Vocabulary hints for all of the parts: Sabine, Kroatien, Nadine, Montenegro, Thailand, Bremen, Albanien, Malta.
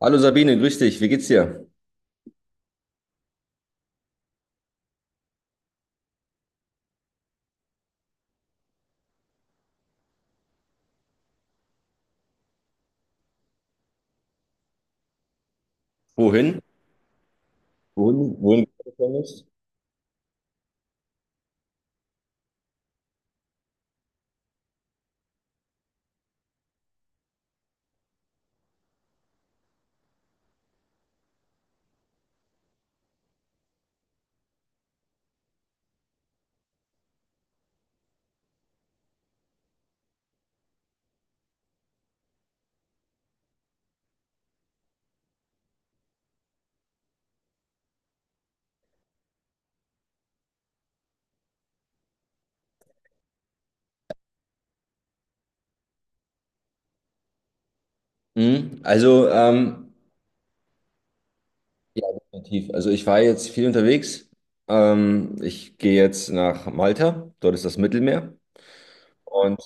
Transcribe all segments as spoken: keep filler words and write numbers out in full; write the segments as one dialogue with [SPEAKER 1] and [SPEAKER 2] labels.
[SPEAKER 1] Hallo Sabine, grüß dich, wie geht's dir? Wohin? Wohin, wohin du planst? Mhm. Also, ähm, ja, definitiv. Also ich war jetzt viel unterwegs. Ähm, ich gehe jetzt nach Malta, dort ist das Mittelmeer. Und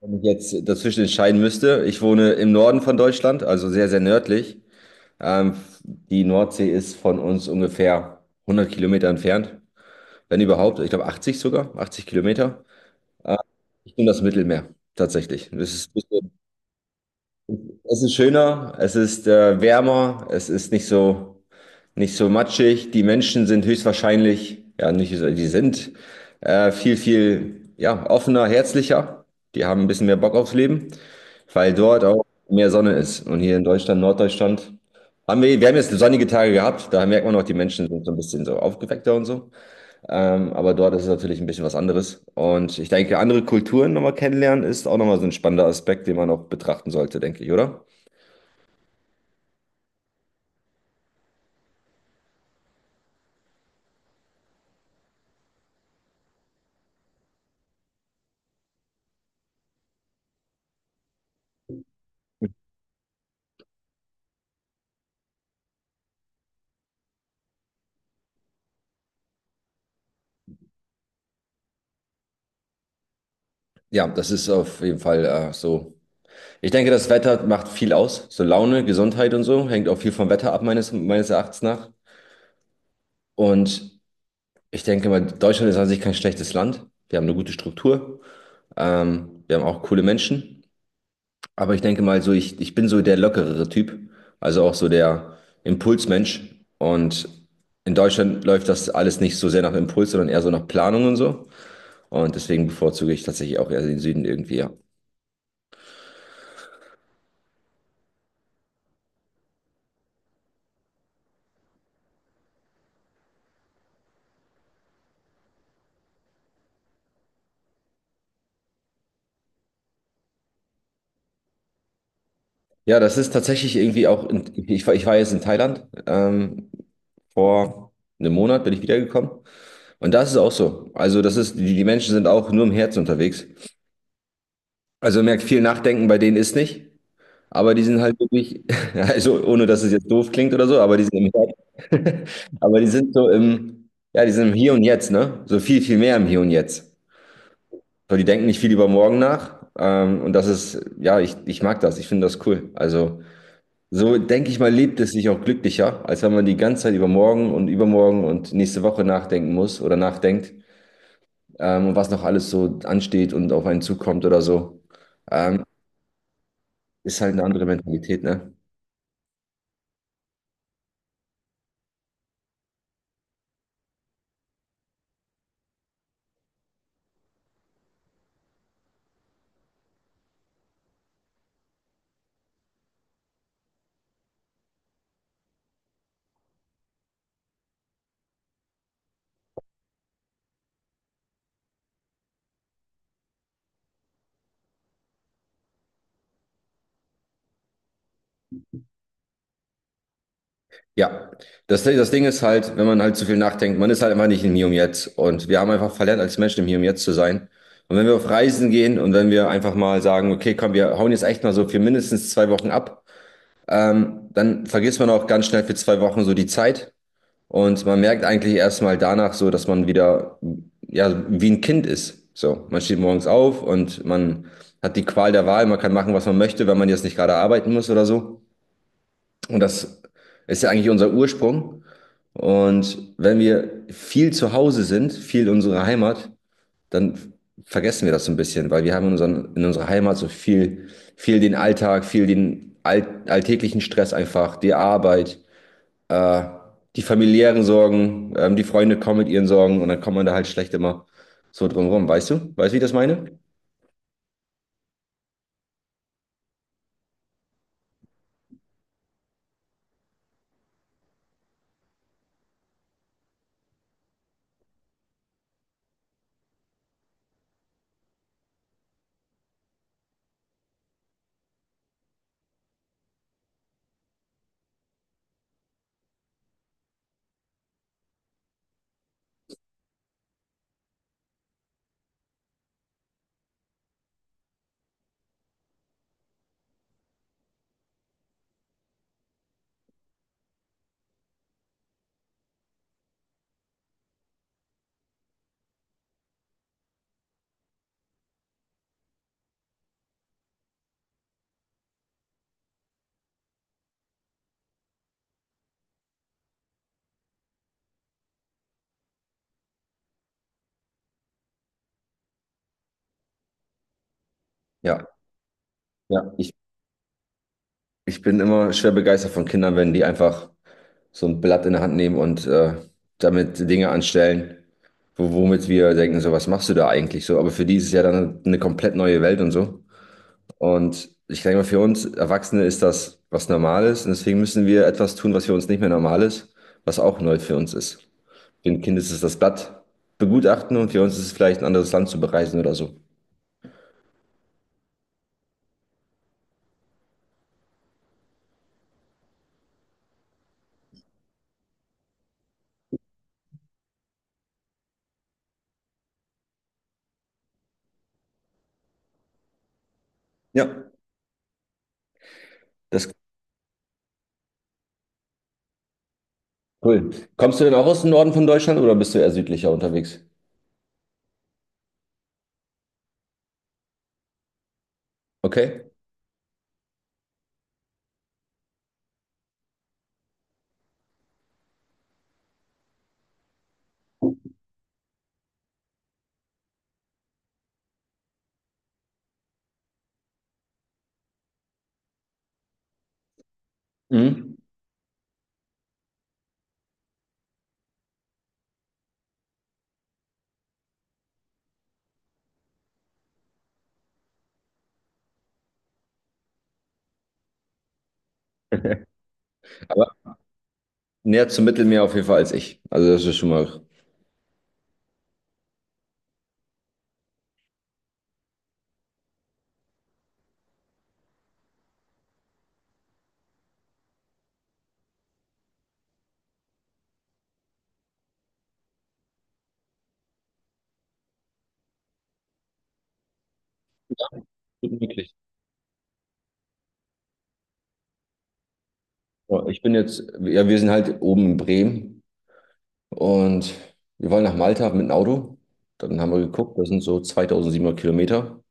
[SPEAKER 1] wenn ich jetzt dazwischen entscheiden müsste, ich wohne im Norden von Deutschland, also sehr, sehr nördlich. Ähm, Die Nordsee ist von uns ungefähr hundert Kilometer entfernt, wenn überhaupt. Ich glaube achtzig sogar, achtzig Kilometer. Äh, Ich nehme das Mittelmeer tatsächlich. Das ist Es ist schöner, es ist äh, wärmer, es ist nicht so, nicht so matschig. Die Menschen sind höchstwahrscheinlich, ja, nicht so, die sind äh, viel, viel, ja, offener, herzlicher. Die haben ein bisschen mehr Bock aufs Leben, weil dort auch mehr Sonne ist. Und hier in Deutschland, Norddeutschland, haben wir, wir haben jetzt sonnige Tage gehabt. Da merkt man auch, die Menschen sind so ein bisschen so aufgeweckter und so. Ähm, aber dort ist es natürlich ein bisschen was anderes. Und ich denke, andere Kulturen nochmal kennenlernen ist auch nochmal so ein spannender Aspekt, den man auch betrachten sollte, denke ich, oder? Ja, das ist auf jeden Fall äh, so. Ich denke, das Wetter macht viel aus. So Laune, Gesundheit und so hängt auch viel vom Wetter ab, meines, meines Erachtens nach. Und ich denke mal, Deutschland ist an sich kein schlechtes Land. Wir haben eine gute Struktur. Ähm, wir haben auch coole Menschen. Aber ich denke mal so, ich, ich bin so der lockerere Typ, also auch so der Impulsmensch. Und in Deutschland läuft das alles nicht so sehr nach Impuls, sondern eher so nach Planung und so. Und deswegen bevorzuge ich tatsächlich auch eher den Süden irgendwie, ja. Ja, das ist tatsächlich irgendwie auch, in, ich war, ich war jetzt in Thailand, ähm, vor einem Monat bin ich wiedergekommen. Und das ist auch so. Also das ist, die, die Menschen sind auch nur im Herzen unterwegs. Also man merkt, viel Nachdenken bei denen ist nicht. Aber die sind halt wirklich, also ohne dass es jetzt doof klingt oder so, aber die sind im aber die sind so im, ja, die sind im Hier und Jetzt, ne? So viel, viel mehr im Hier und Jetzt. So, die denken nicht viel über morgen nach. Ähm, und das ist, ja, ich, ich mag das, ich finde das cool. Also, so denke ich mal, lebt es sich auch glücklicher, als wenn man die ganze Zeit über morgen und übermorgen und nächste Woche nachdenken muss oder nachdenkt, ähm, und was noch alles so ansteht und auf einen zukommt oder so. Ähm, Ist halt eine andere Mentalität, ne? Ja, das, das Ding ist halt, wenn man halt zu viel nachdenkt, man ist halt einfach nicht im Hier und Jetzt. Und wir haben einfach verlernt, als Menschen im Hier und Jetzt zu sein. Und wenn wir auf Reisen gehen und wenn wir einfach mal sagen, okay, komm, wir hauen jetzt echt mal so für mindestens zwei Wochen ab, ähm, dann vergisst man auch ganz schnell für zwei Wochen so die Zeit. Und man merkt eigentlich erst mal danach so, dass man wieder, ja, wie ein Kind ist. So, man steht morgens auf und man hat die Qual der Wahl, man kann machen, was man möchte, wenn man jetzt nicht gerade arbeiten muss oder so. Und das ist ja eigentlich unser Ursprung. Und wenn wir viel zu Hause sind, viel in unserer Heimat, dann vergessen wir das so ein bisschen, weil wir haben in, unseren, in unserer Heimat so viel, viel den Alltag, viel den all, alltäglichen Stress einfach, die Arbeit, äh, die familiären Sorgen, ähm, die Freunde kommen mit ihren Sorgen und dann kommt man da halt schlecht immer so drum rum. Weißt du? Weißt du, wie ich das meine? Ja, ja. Ich, ich bin immer schwer begeistert von Kindern, wenn die einfach so ein Blatt in der Hand nehmen und äh, damit Dinge anstellen, wo, womit wir denken, so, was machst du da eigentlich so? Aber für die ist es ja dann eine komplett neue Welt und so. Und ich denke mal, für uns Erwachsene ist das was Normales und deswegen müssen wir etwas tun, was für uns nicht mehr normal ist, was auch neu für uns ist. Für ein Kind ist es das Blatt begutachten und für uns ist es vielleicht ein anderes Land zu bereisen oder so. Ja, das ist cool. Kommst du denn auch aus dem Norden von Deutschland oder bist du eher südlicher unterwegs? Okay. Mhm. Aber näher zum Mittelmeer auf jeden Fall als ich. Also das ist schon mal gut möglich. Ja, ich bin jetzt, ja, wir sind halt oben in Bremen und wir wollen nach Malta mit dem Auto. Dann haben wir geguckt, das sind so zweitausendsiebenhundert Kilometer.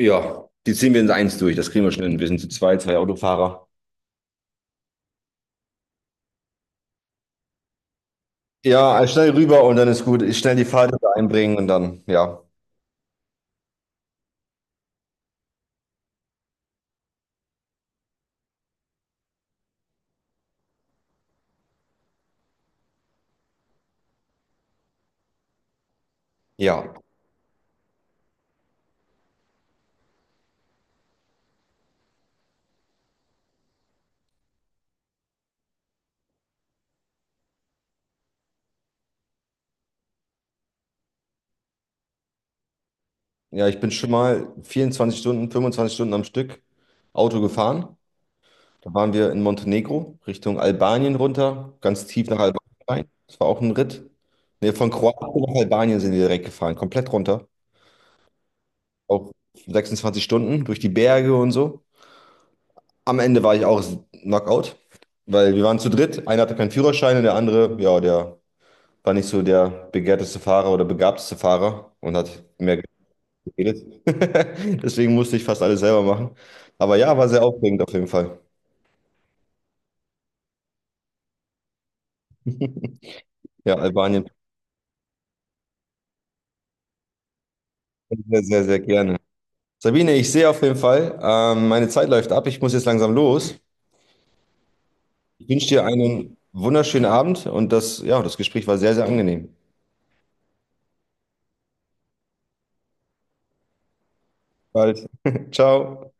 [SPEAKER 1] Ja, die ziehen wir in eins durch, das kriegen wir schnell hin. Wir sind zu zwei, zwei Autofahrer. Ja, also schnell rüber und dann ist gut. Ich schnell die Fahrrad einbringen und dann, ja, ja. Ja, ich bin schon mal vierundzwanzig Stunden, fünfundzwanzig Stunden am Stück Auto gefahren. Da waren wir in Montenegro, Richtung Albanien runter, ganz tief nach Albanien rein. Das war auch ein Ritt. Nee, von Kroatien nach Albanien sind wir direkt gefahren, komplett runter. Auch sechsundzwanzig Stunden durch die Berge und so. Am Ende war ich auch Knockout, weil wir waren zu dritt. Einer hatte keinen Führerschein und der andere, ja, der war nicht so der begehrteste Fahrer oder begabteste Fahrer und hat mehr geredet. Deswegen musste ich fast alles selber machen. Aber ja, war sehr aufregend auf jeden Fall. Ja, Albanien sehr, sehr, sehr gerne. Sabine, ich sehe auf jeden Fall, ähm, meine Zeit läuft ab. Ich muss jetzt langsam los. Ich wünsche dir einen wunderschönen Abend und das, ja, das Gespräch war sehr, sehr angenehm. Bald. Ciao.